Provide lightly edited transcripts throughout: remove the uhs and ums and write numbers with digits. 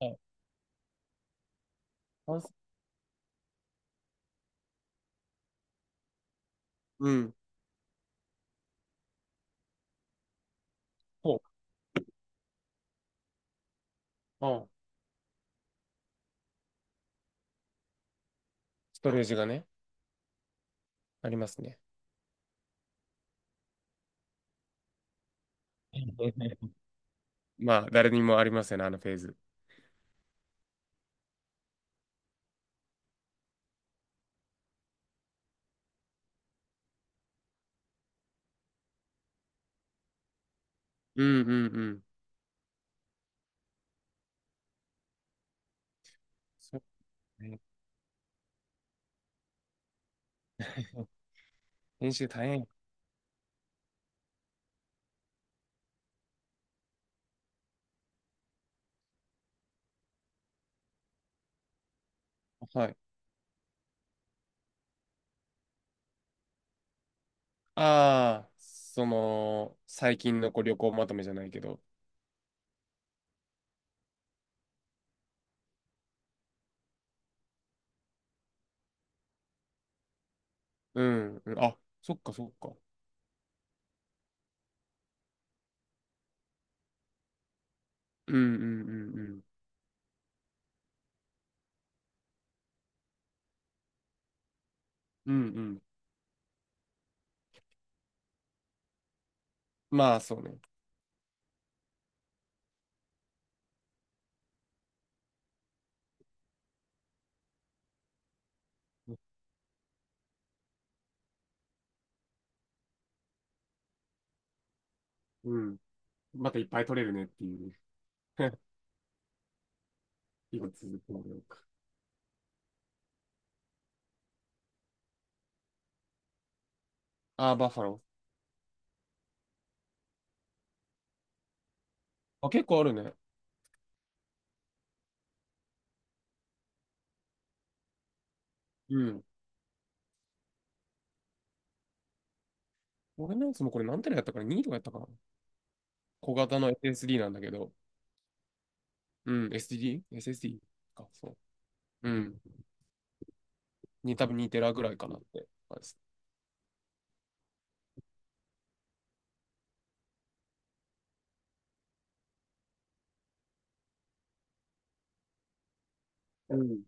はい。あそ。うん。そう。うん、ストレージがね、ありますね。まあ、誰にもありますよね、あのフェーズ。うんうんうん。そうね。編集大変。はい。ああ、その、最近のこう旅行まとめじゃないけど。うん、うん。あ、そっかそっか。うんうんうんうん。うんうん。まあ、そうね。うん。またいっぱい取れるねっていう。今続くので。ああ、バッファロー。あ、結構あるね。うん。俺のやつもこれ何テラやったから ?2 とかやったかな。小型の SSD なんだけど、うん、SSD?SSD か、そう。うん。に多分2テラぐらいかなって感じです。うん。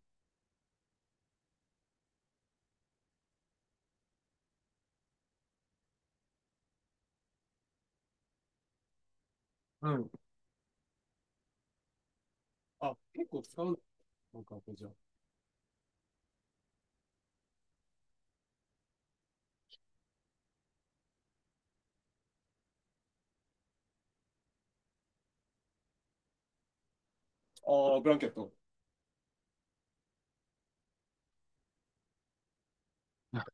うん。あ、結構使うのか、これじゃあ。ああ、ブランケット。な、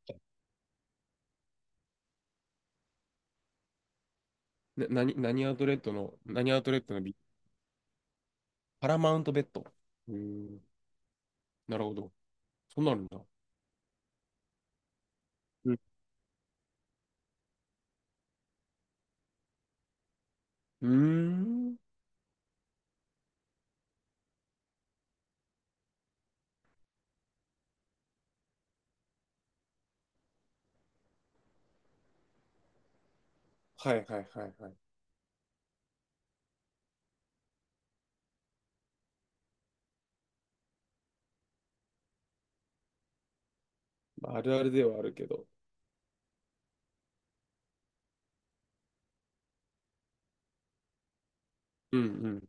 何アウトレットの、何アウトレットのビ、パラマウントベッド。うーん。なるほど。そうなるんだ。うん。うーん。はいはいはいはい。まあ、あるあるではあるけど。うんうん。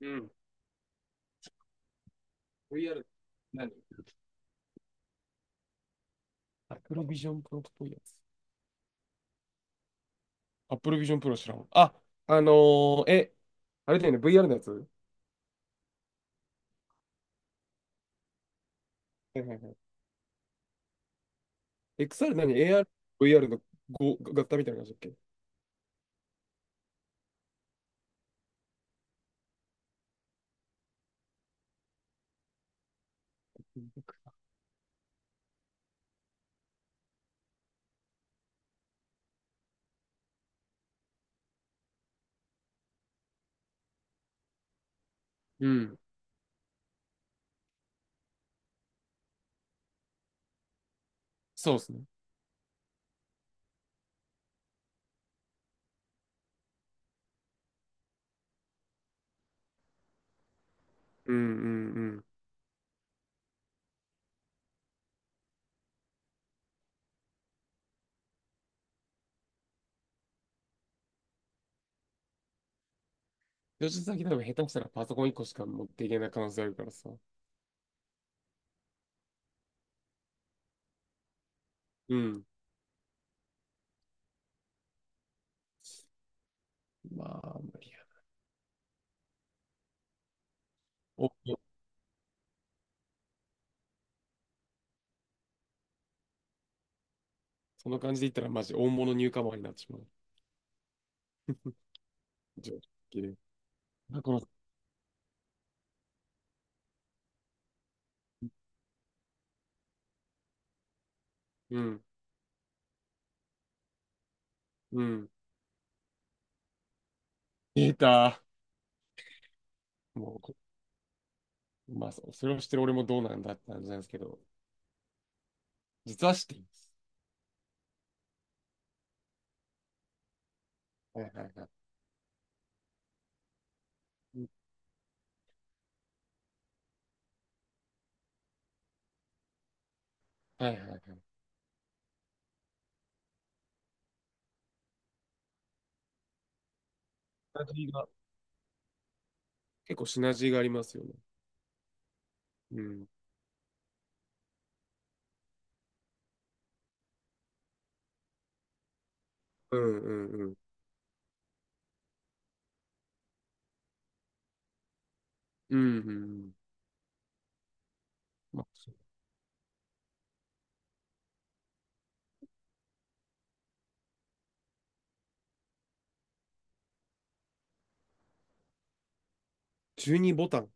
うん。VR、何アクロビジョンプロっぽいやつ。Apple Vision Pro 知らん。あ、あのーえ、あれだよね、VR のやつは。いはいはい。XR 何 ?AR、VR のご合体みたいな感じだっけ。うん。そうですね。うんうんうん。吉田先多分下手したらパソコン1個しか持っていけない可能性あるからさ。うん。まあ、無理や。お、その感じで言ったらマジ大物ニューカマーになってしまう。じゃあ、綺麗。あ、この、うん。うん。データ。もう、まあ、それをしてる俺もどうなんだって感じなんですけど、実は知っています。はいはいはい。はいはいはい。シナジーが、結構シナジーがありますよね。うん。うんうんうん。うんうんうん。まあ、12ボタン。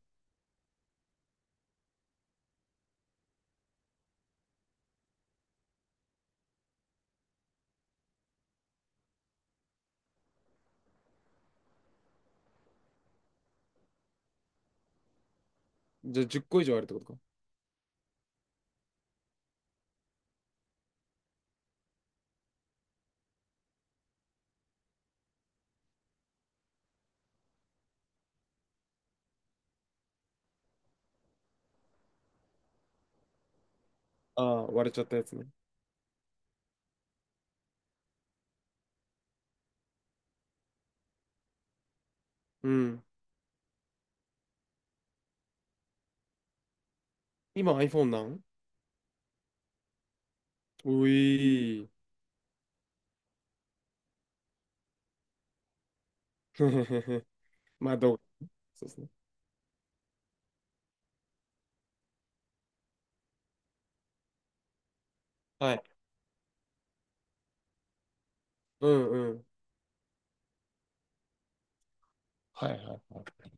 じゃあ10個以上あるってことか。ああ、割れちゃったやつね。うん。今 iPhone なん。ういー。まあ、そうですね。はい。うんうん。はいはいはい。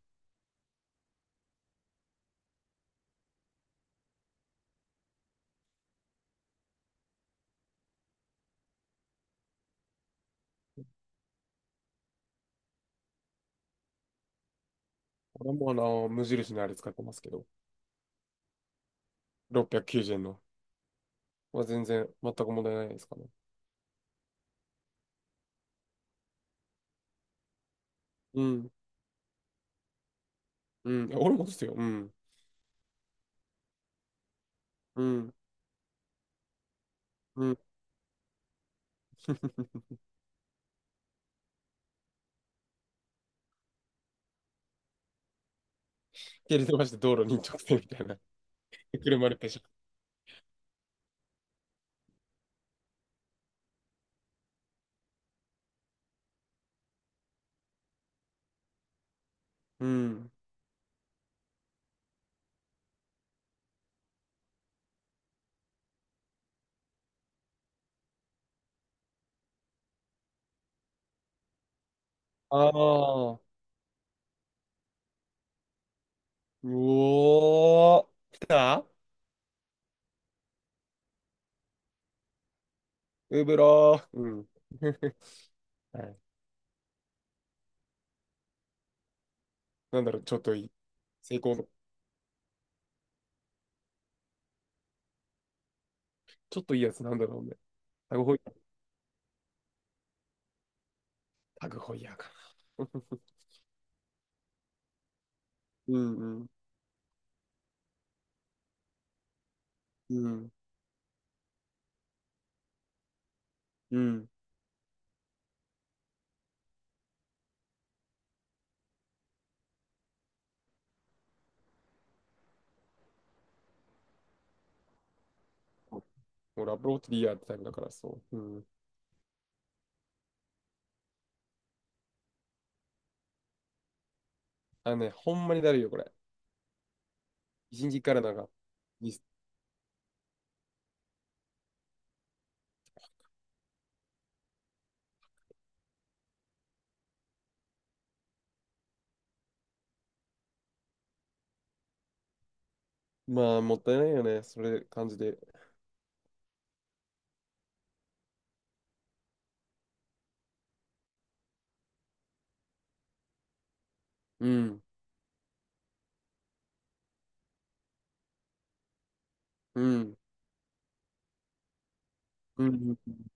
俺もあの、無印のあれ使ってますけど、690円の。まあ全然、全く問題ないですかね。うん。うん。いや俺もですよ。うん。うん。うん。蹴り飛ばして道路に直線みたいな。車でペシャ。うん。ああ、うおー、来たウブロー。うん。はい。なんだろう、ちょっといい。成功の。ちょっといいやつなんだろうね。タグホイヤー。タグホイヤーかな。うんうん、うん、うん。もうラブローティリアってタイプだから、そう。うん。あのね、ほんまにだるいよ、これ。一日からなんか、いまあ、もったいないよね。それ、感じで。うん、うん、うん。うん